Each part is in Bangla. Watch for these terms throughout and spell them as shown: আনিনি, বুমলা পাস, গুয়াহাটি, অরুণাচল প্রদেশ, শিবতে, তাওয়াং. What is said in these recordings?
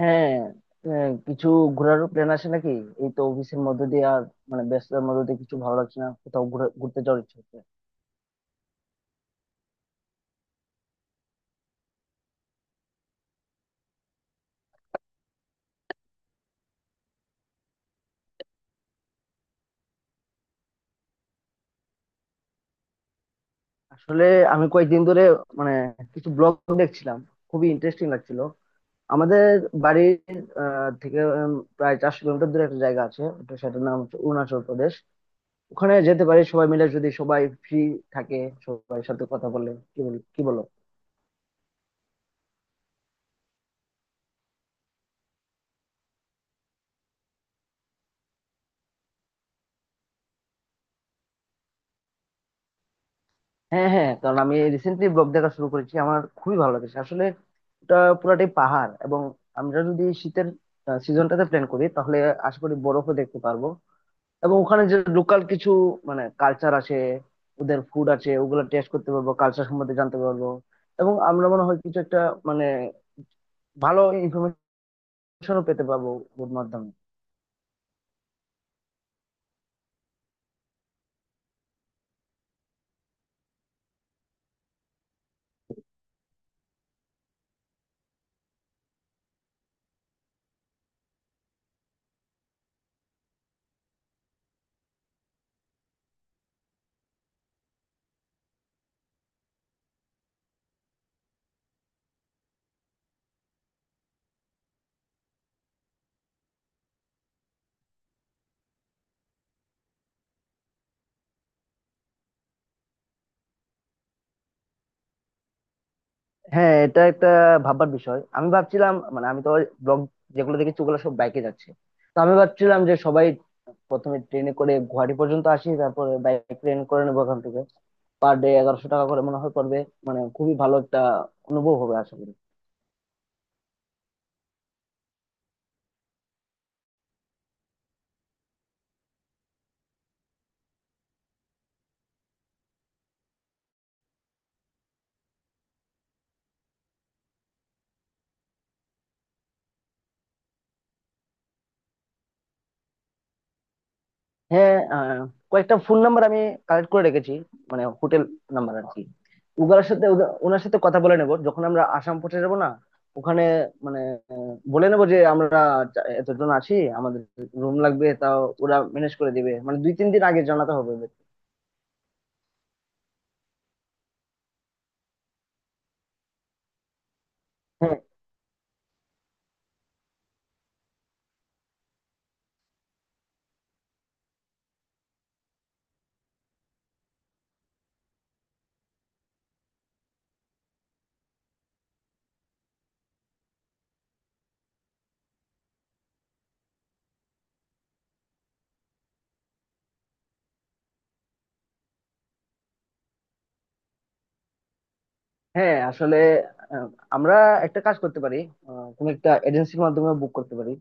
হ্যাঁ। কিছু ঘোরারও প্ল্যান আছে নাকি? এই তো অফিসের মধ্যে দিয়ে আর মানে ব্যস্ততার মধ্যে দিয়ে কিছু ভালো লাগছে না, কোথাও ঘুরতে যাওয়ার ইচ্ছে হচ্ছে। আসলে আমি কয়েকদিন ধরে মানে কিছু ব্লগ দেখছিলাম, খুবই ইন্টারেস্টিং লাগছিল। আমাদের বাড়ির থেকে প্রায় 400 কিলোমিটার দূরে একটা জায়গা আছে, ওটা সেটার নাম হচ্ছে অরুণাচল প্রদেশ। ওখানে যেতে পারি সবাই মিলে, যদি সবাই ফ্রি থাকে। সবাই সাথে কথা বলে কি বলো? হ্যাঁ, হ্যাঁ, কারণ আমি রিসেন্টলি ব্লগ দেখা শুরু করেছি, আমার খুবই ভালো লাগছে আসলে। ওটা পুরাটাই পাহাড়, এবং আমরা যদি শীতের সিজনটাতে প্ল্যান করি, তাহলে আশা করি বরফও দেখতে পারবো। এবং ওখানে যে লোকাল কিছু মানে কালচার আছে, ওদের ফুড আছে, ওগুলো টেস্ট করতে পারবো, কালচার সম্বন্ধে জানতে পারবো। এবং আমরা মনে হয় কিছু একটা মানে ভালো ইনফরমেশনও পেতে পারবো ওর মাধ্যমে। হ্যাঁ, এটা একটা ভাববার বিষয়। আমি ভাবছিলাম মানে আমি তো ব্লগ যেগুলো দেখেছি ওগুলো সব বাইকে যাচ্ছে। তো আমি ভাবছিলাম যে সবাই প্রথমে ট্রেনে করে গুয়াহাটি পর্যন্ত আসি, তারপরে বাইক ট্রেন করে নেবো ওখান থেকে। পার ডে 1100 টাকা করে মনে হয় পড়বে। মানে খুবই ভালো একটা অনুভব হবে আশা করি। হ্যাঁ, কয়েকটা ফোন নাম্বার আমি কালেক্ট করে রেখেছি, মানে হোটেল নাম্বার আর কি। উগার সাথে ওনার সাথে কথা বলে নেবো যখন আমরা আসাম পৌঁছে যাবো না ওখানে, মানে বলে নেবো যে আমরা এতজন আছি, আমাদের রুম লাগবে, তাও ওরা ম্যানেজ করে দিবে, মানে 2-3 দিন আগে জানাতে হবে ওদের। হ্যাঁ, হ্যাঁ, আসলে আহ, আমরা একটা কাজ করতে পারি, কোনো একটা এজেন্সির মাধ্যমে বুক করতে পারি।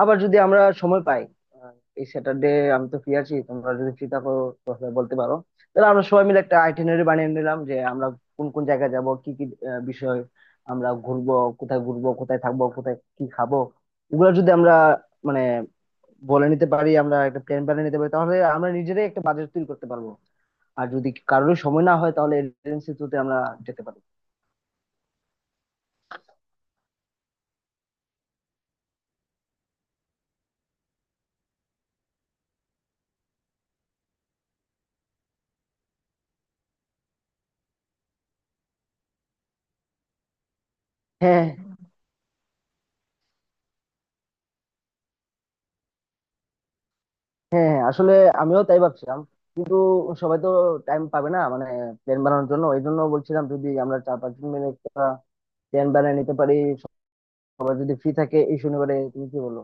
আবার যদি আমরা সময় পাই, আহ, এই স্যাটারডে আমি তো ফ্রি আছি, তোমরা যদি ফ্রি থাকো তাহলে বলতে পারো। তাহলে আমরা সবাই মিলে একটা আইটিনারি বানিয়ে নিলাম যে আমরা কোন কোন জায়গায় যাব, কি কি বিষয় আমরা ঘুরবো, কোথায় ঘুরবো, কোথায় থাকবো, কোথায় কি খাবো। এগুলো যদি আমরা মানে বলে নিতে পারি, আমরা একটা প্ল্যান বানিয়ে নিতে পারি, তাহলে আমরা নিজেরাই একটা বাজেট তৈরি করতে পারবো। আর যদি কারোর সময় না হয় তাহলে এজেন্সি থ্রুতে আমরা যেতে পারি। হ্যাঁ, হ্যাঁ, হ্যাঁ, আসলে আমিও তাই ভাবছিলাম। কিন্তু সবাই তো টাইম পাবে না মানে প্ল্যান বানানোর জন্য, এই জন্য বলছিলাম যদি আমরা 4-5 জন মিলে একটা প্ল্যান বানিয়ে নিতে পারি, সবাই যদি ফ্রি থাকে এই শনিবারে। তুমি কি বলো?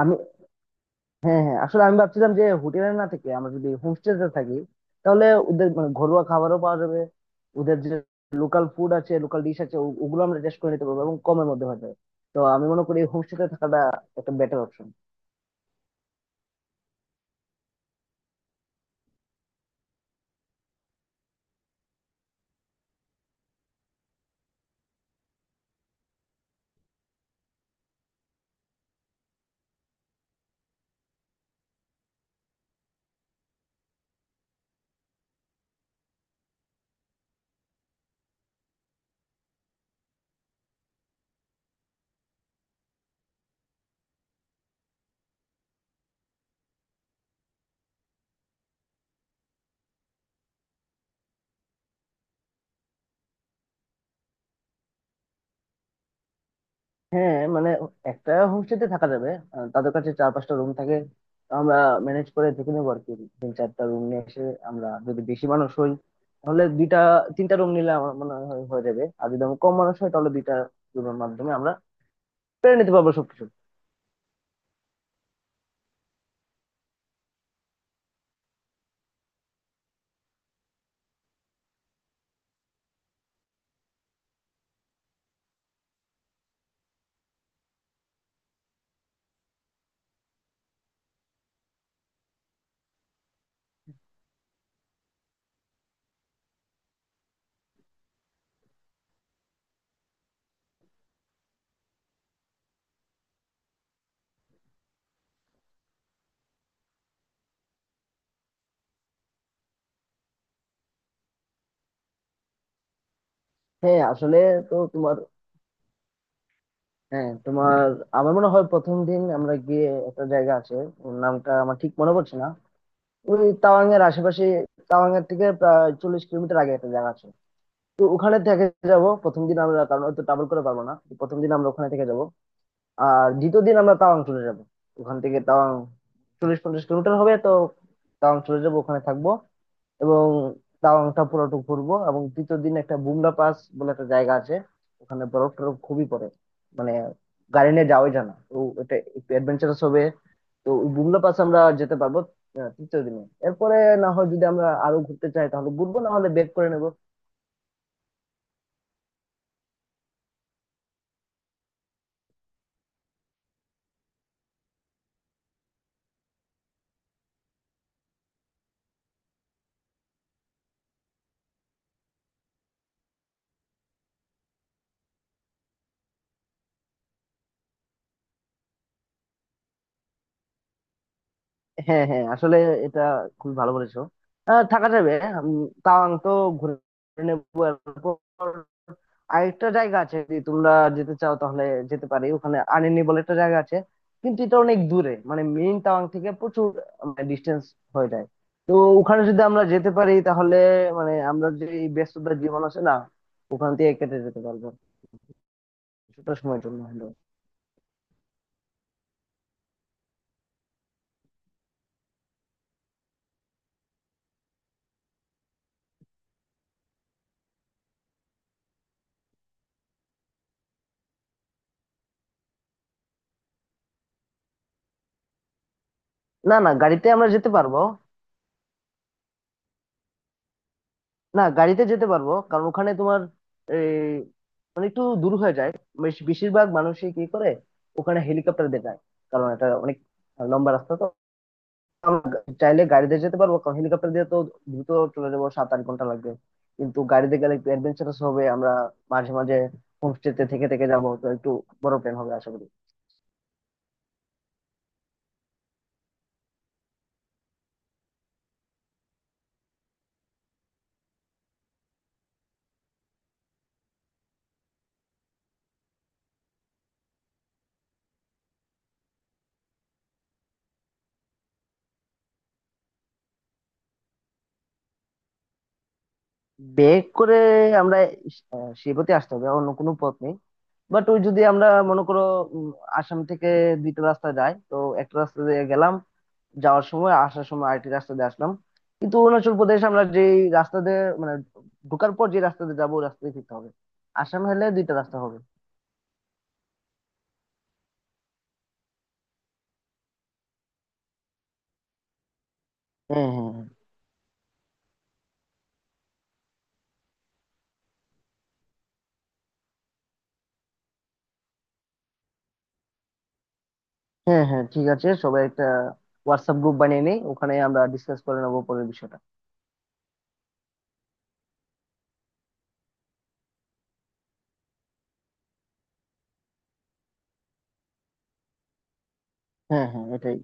আমি, হ্যাঁ, আসলে আমি ভাবছিলাম যে হোটেলে না থেকে আমরা যদি হোমস্টেতে থাকি, তাহলে ওদের মানে ঘরোয়া খাবারও পাওয়া যাবে। ওদের যে লোকাল ফুড আছে, লোকাল ডিশ আছে, ওগুলো আমরা টেস্ট করে নিতে পারবো এবং কমের মধ্যে হয়ে যাবে। তো আমি মনে করি হোমস্টেতে থাকাটা একটা বেটার অপশন। হ্যাঁ, মানে একটা হোমস্টেতে থাকা যাবে। তাদের কাছে 4-5টা রুম থাকে, তো আমরা ম্যানেজ করে দেখে নেবো আর কি। 3-4টা রুম নিয়ে এসে, আমরা যদি বেশি মানুষ হই তাহলে 2-3টা রুম নিলে আমার মনে হয় হয়ে যাবে। আর যদি আমরা কম মানুষ হয় তাহলে 2টা রুমের মাধ্যমে আমরা পেরে নিতে পারবো সবকিছু। হ্যাঁ, আসলে, তো তোমার হ্যাঁ তোমার আমার মনে হয় প্রথম দিন আমরা গিয়ে একটা জায়গা আছে, ওর নামটা আমার ঠিক মনে পড়ছে না, ওই তাওয়াং এর আশেপাশে। তাওয়াং এর থেকে প্রায় 40 কিলোমিটার আগে একটা জায়গা আছে, তো ওখানে থেকে যাব প্রথম দিন আমরা, কারণ অত ট্রাভেল করে পারবো না। তো প্রথম দিন আমরা ওখানে থেকে যাব। আর দ্বিতীয় দিন আমরা তাওয়াং চলে যাব, ওখান থেকে তাওয়াং 40-50 কিলোমিটার হবে তো। তাওয়াং চলে যাব, ওখানে থাকবো। এবং তাওয়াংটা পুরোটুকু ঘুরবো। এবং তৃতীয় দিন একটা বুমলা পাস বলে একটা জায়গা আছে, ওখানে বরফ টরফ খুবই পড়ে। মানে গাড়ি নিয়ে যাওয়াই জানা তো, এটা একটু অ্যাডভেঞ্চারাস হবে। তো ওই বুমলা পাস আমরা যেতে পারবো তৃতীয় দিনে। এরপরে না হয় যদি আমরা আরো ঘুরতে চাই তাহলে ঘুরবো, না হলে বেক করে নেবো। হ্যাঁ, হ্যাঁ, আসলে এটা খুবই ভালো বলেছো। থাকা যাবে। তাওয়াং তো ঘুরে নেবো। এরপর আরেকটা জায়গা আছে, যদি তোমরা যেতে চাও তাহলে যেতে পারি। ওখানে আনিনি বলে একটা জায়গা আছে, কিন্তু এটা অনেক দূরে, মানে মেইন তাওয়াং থেকে প্রচুর ডিস্টেন্স হয়ে যায়। তো ওখানে যদি আমরা যেতে পারি তাহলে, মানে আমরা যে এই ব্যস্ততার জীবন আছে না, ওখান থেকে কেটে যেতে পারবো কিছুটা সময়ের জন্য হলেও। না, না, গাড়িতে আমরা যেতে পারবো, না গাড়িতে যেতে পারবো, কারণ ওখানে তোমার এই মানে একটু দূর হয়ে যায়। বেশিরভাগ মানুষই কি করে ওখানে হেলিকপ্টার দিয়ে যায়, কারণ এটা অনেক লম্বা রাস্তা তো। আমরা চাইলে গাড়িতে যেতে পারবো, কারণ হেলিকপ্টার দিয়ে তো দ্রুত চলে যাবো। 7-8 ঘন্টা লাগবে। কিন্তু গাড়িতে গেলে একটু অ্যাডভেঞ্চারাস হবে, আমরা মাঝে মাঝে হোমস্টেতে থেকে থেকে যাবো, তো একটু বড় প্ল্যান হবে আশা করি। ব্যাক করে আমরা শিবতে আসতে হবে, অন্য কোনো পথ নেই। বাট ওই যদি আমরা মনে করো, উম, আসাম থেকে দুইটা রাস্তা যাই তো। একটা রাস্তা দিয়ে গেলাম, যাওয়ার সময় আসার সময় আরেকটি রাস্তা দিয়ে আসলাম। কিন্তু অরুণাচল প্রদেশ আমরা যে রাস্তা দিয়ে মানে ঢোকার পর যে রাস্তা দিয়ে যাবো, ওই রাস্তা দিয়ে ফিরতে হবে। আসাম হলে দুইটা রাস্তা হবে। হ্যাঁ, হ্যাঁ, হ্যাঁ। হ্যাঁ, হ্যাঁ, ঠিক আছে। সবাই একটা হোয়াটসঅ্যাপ গ্রুপ বানিয়ে নিই, ওখানে আমরা ডিসকাস করে নেবো পরের বিষয়টা। হ্যাঁ, হ্যাঁ, এটাই।